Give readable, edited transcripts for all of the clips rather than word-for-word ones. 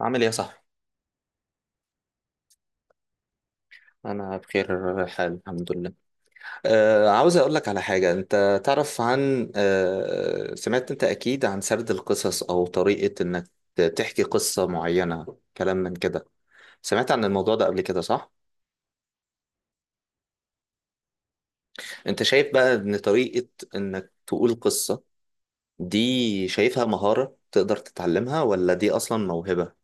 عامل ايه يا صاحبي؟ أنا بخير حال الحمد لله. عاوز أقول لك على حاجة، أنت تعرف عن آه سمعت أنت أكيد عن سرد القصص أو طريقة إنك تحكي قصة معينة، كلام من كده. سمعت عن الموضوع ده قبل كده صح؟ أنت شايف بقى إن طريقة إنك تقول قصة دي شايفها مهارة تقدر تتعلمها ولا دي أصلا موهبة؟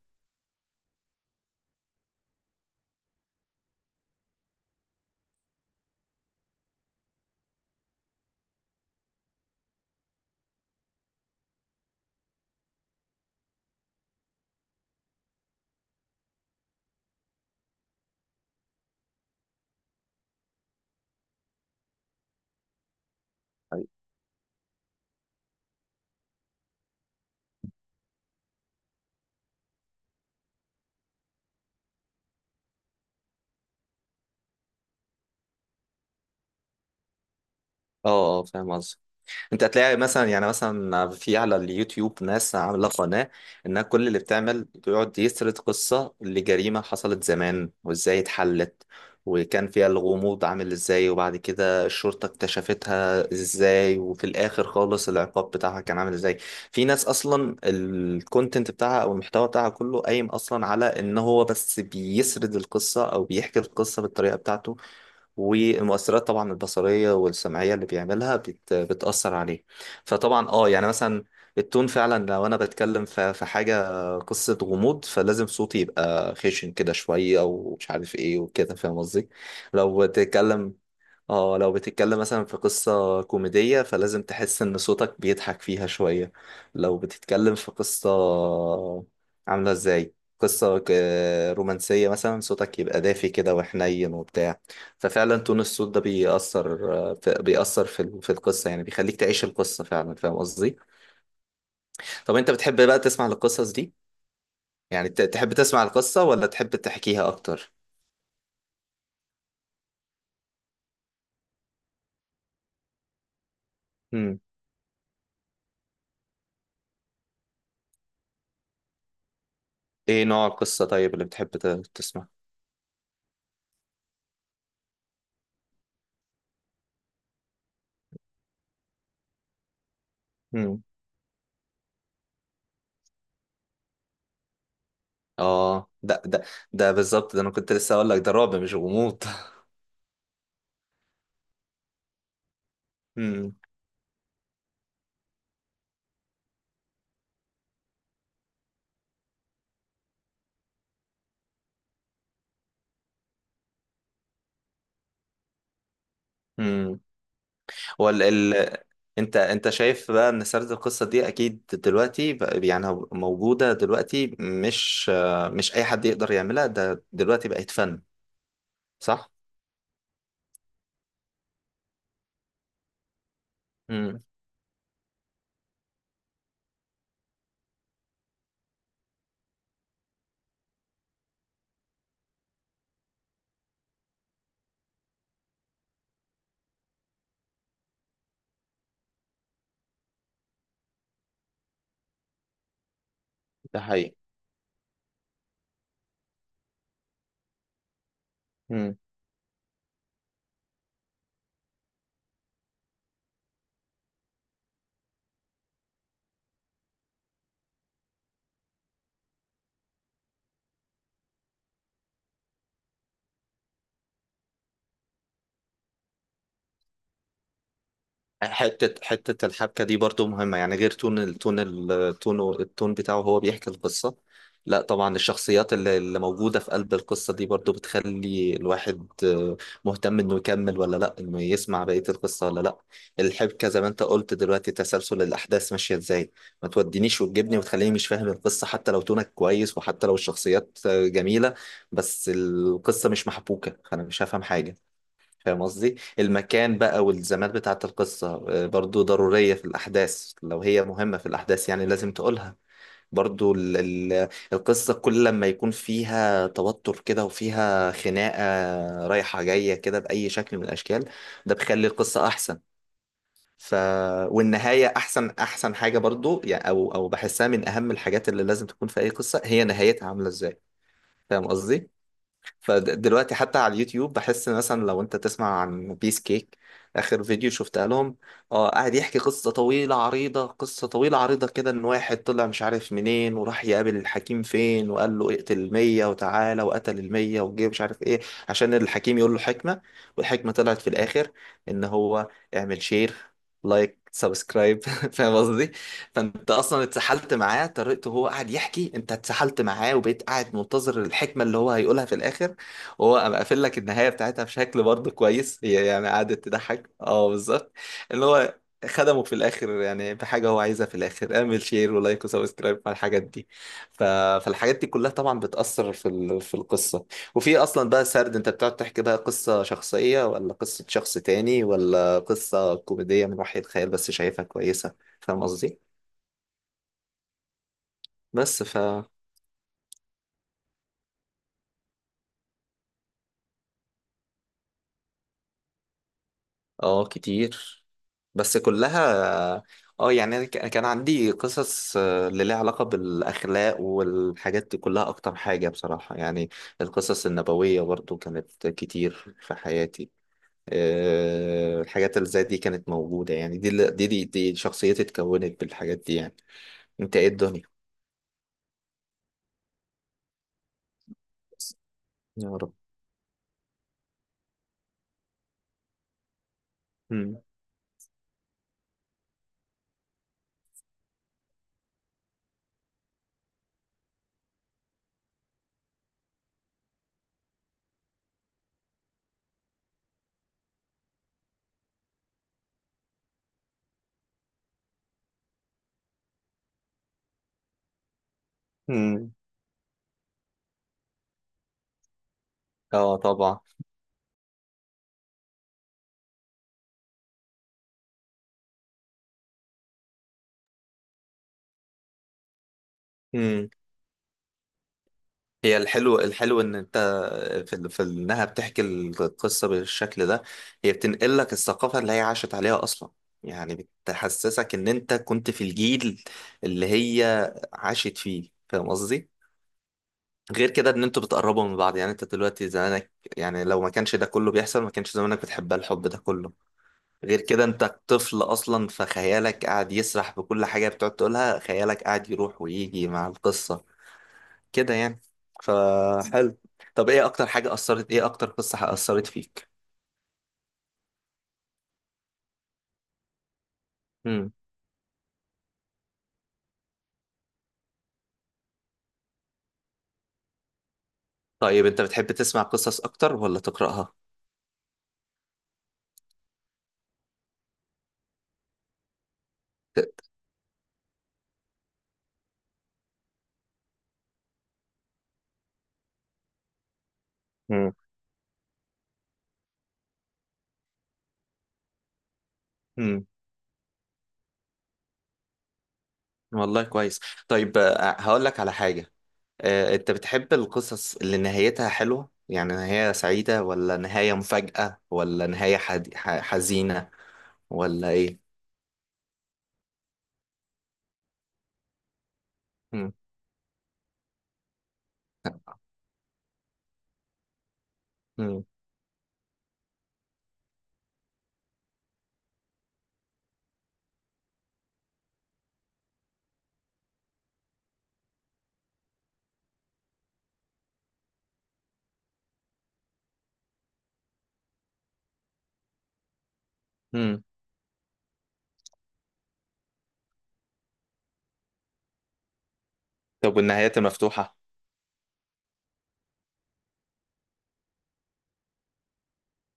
آه، آه، فاهم قصدي. انت هتلاقي مثلا في على اليوتيوب ناس عامله قناه انها كل اللي بتعمل بيقعد يسرد قصه لجريمه حصلت زمان وازاي اتحلت، وكان فيها الغموض عامل ازاي، وبعد كده الشرطه اكتشفتها ازاي، وفي الاخر خالص العقاب بتاعها كان عامل ازاي. في ناس اصلا الكونتنت بتاعها او المحتوى بتاعها كله قايم اصلا على ان هو بس بيسرد القصه او بيحكي القصه بالطريقه بتاعته، والمؤثرات طبعا البصرية والسمعية اللي بيعملها بتأثر عليه. فطبعا يعني مثلا التون فعلا، لو انا بتكلم في حاجة، قصة غموض، فلازم صوتي يبقى خشن كده شوية او مش عارف ايه وكده، فاهم قصدي. لو بتتكلم اه لو بتتكلم مثلا في قصة كوميدية، فلازم تحس ان صوتك بيضحك فيها شوية. لو بتتكلم في قصة عاملة ازاي، قصة رومانسية مثلا، صوتك يبقى دافي كده وحنين وبتاع. ففعلا تون الصوت ده بيأثر، بيأثر في القصة، يعني بيخليك تعيش القصة فعلا، فاهم قصدي. طب انت بتحب بقى تسمع القصص دي؟ يعني تحب تسمع القصة ولا تحب تحكيها اكتر؟ مم. ايه نوع القصة طيب اللي بتحب تسمع؟ اه، ده بالظبط، ده انا كنت لسه اقول لك، ده رعب مش غموض. امم امم وال ال... انت شايف بقى ان سرد القصه دي اكيد دلوقتي، يعني موجوده دلوقتي، مش مش اي حد يقدر يعملها، ده دلوقتي بقت فن، صح؟ امم. ده حقيقي. امم. حتة حتة الحبكة دي برضو مهمة، يعني غير تون التون بتاعه هو بيحكي القصة، لا طبعا الشخصيات اللي موجودة في قلب القصة دي برضو بتخلي الواحد مهتم انه يكمل ولا لا، انه يسمع بقية القصة ولا لا. الحبكة زي ما انت قلت دلوقتي، تسلسل الأحداث ماشية ازاي، ما تودينيش وتجيبني وتخليني مش فاهم القصة، حتى لو تونك كويس، وحتى لو الشخصيات جميلة، بس القصة مش محبوكة فأنا مش هفهم حاجة، فاهم قصدي؟ المكان بقى والزمان بتاعة القصة برضو ضرورية في الأحداث، لو هي مهمة في الأحداث يعني لازم تقولها. برضو ال ال القصة كل لما يكون فيها توتر كده وفيها خناقة رايحة جاية كده بأي شكل من الأشكال، ده بيخلي القصة أحسن. ف والنهاية أحسن أحسن حاجة برضو، يعني أو بحسها من أهم الحاجات اللي لازم تكون في أي قصة، هي نهايتها عاملة إزاي، فاهم قصدي؟ فدلوقتي حتى على اليوتيوب بحس مثلا لو انت تسمع عن بيس كيك، اخر فيديو شفتها لهم، اه قاعد يحكي قصة طويلة عريضة قصة طويلة عريضة كده، ان واحد طلع مش عارف منين وراح يقابل الحكيم فين، وقال له اقتل المية وتعالى، وقتل المية وجه مش عارف ايه، عشان الحكيم يقول له حكمة، والحكمة طلعت في الاخر ان هو اعمل شير لايك سبسكرايب. فاهم قصدي؟ فانت اصلا اتسحلت معاه، طريقته هو قاعد يحكي انت اتسحلت معاه، وبقيت قاعد منتظر الحكمة اللي هو هيقولها في الاخر، وهو قام قافل لك النهايه بتاعتها بشكل برضه كويس، هي يعني قعدت تضحك، اه بالظبط، اللي هو خدمه في الاخر يعني بحاجه هو عايزها في الاخر، اعمل شير ولايك وسبسكرايب على الحاجات دي. ف... فالحاجات دي كلها طبعا بتاثر في القصه، وفي اصلا بقى سرد، انت بتقعد تحكي بقى قصه شخصيه ولا قصه شخص تاني ولا قصه كوميديه من وحي الخيال بس شايفها كويسه، فاهم قصدي. بس ف اه كتير، بس كلها. اه يعني أنا كان عندي قصص اللي ليها علاقة بالأخلاق والحاجات دي كلها أكتر حاجة بصراحة يعني، القصص النبوية برضو كانت كتير في حياتي. الحاجات اللي زي دي كانت موجودة، يعني دي شخصيتي اتكونت بالحاجات دي يعني، انت ايه الدنيا؟ يا رب. مم. مم. اه طبعا. هي الحلو ان انت في انها بتحكي القصه بالشكل ده، هي بتنقل لك الثقافه اللي هي عاشت عليها اصلا، يعني بتحسسك ان انت كنت في الجيل اللي هي عاشت فيه، فاهم قصدي. غير كده ان انتوا بتقربوا من بعض، يعني انت دلوقتي زمانك، يعني لو ما كانش ده كله بيحصل ما كانش زمانك بتحبها الحب ده كله. غير كده انت طفل اصلا فخيالك قاعد يسرح بكل حاجه بتقعد تقولها، خيالك قاعد يروح ويجي مع القصه كده يعني، فحلو. طب ايه اكتر قصة اثرت فيك؟ امم. طيب انت بتحب تسمع قصص اكتر ولا تقرأها؟ مم. امم. والله كويس. طيب هقول لك على حاجة، انت بتحب القصص اللي نهايتها حلوة؟ يعني نهاية سعيدة، ولا نهاية مفاجأة، ولا نهاية حزينة، ولا ايه؟ امم. امم. امم. طب والنهايات المفتوحة؟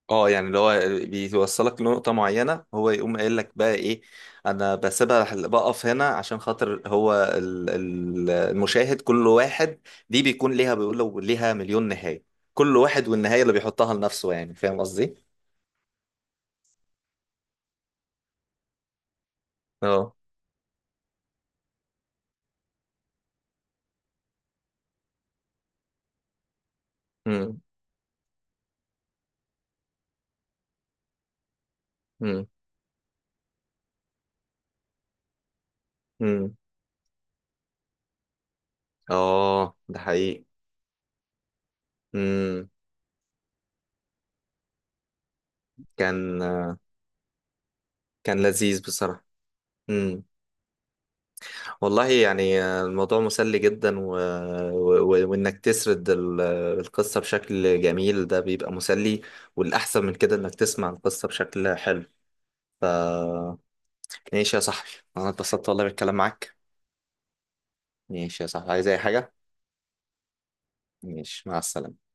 اه يعني اللي هو بيوصلك لنقطة معينة، هو يقوم قايل لك بقى ايه، انا بسيبها بقف هنا عشان خاطر هو المشاهد، كل واحد دي بيكون ليها، بيقول له ليها مليون نهاية، كل واحد والنهاية اللي بيحطها لنفسه يعني، فاهم قصدي؟ اه. امم. امم. امم. اه ده حقيقي. امم. كان كان لذيذ بصراحة. امم. والله يعني الموضوع مسلي جدا، وانك تسرد القصة بشكل جميل ده بيبقى مسلي، والأحسن من كده انك تسمع القصة بشكل حلو. ف ماشي يا صاحبي، انا اتبسطت والله بالكلام معاك. ماشي يا صاحبي، عايز اي حاجة؟ ماشي، مع السلامة.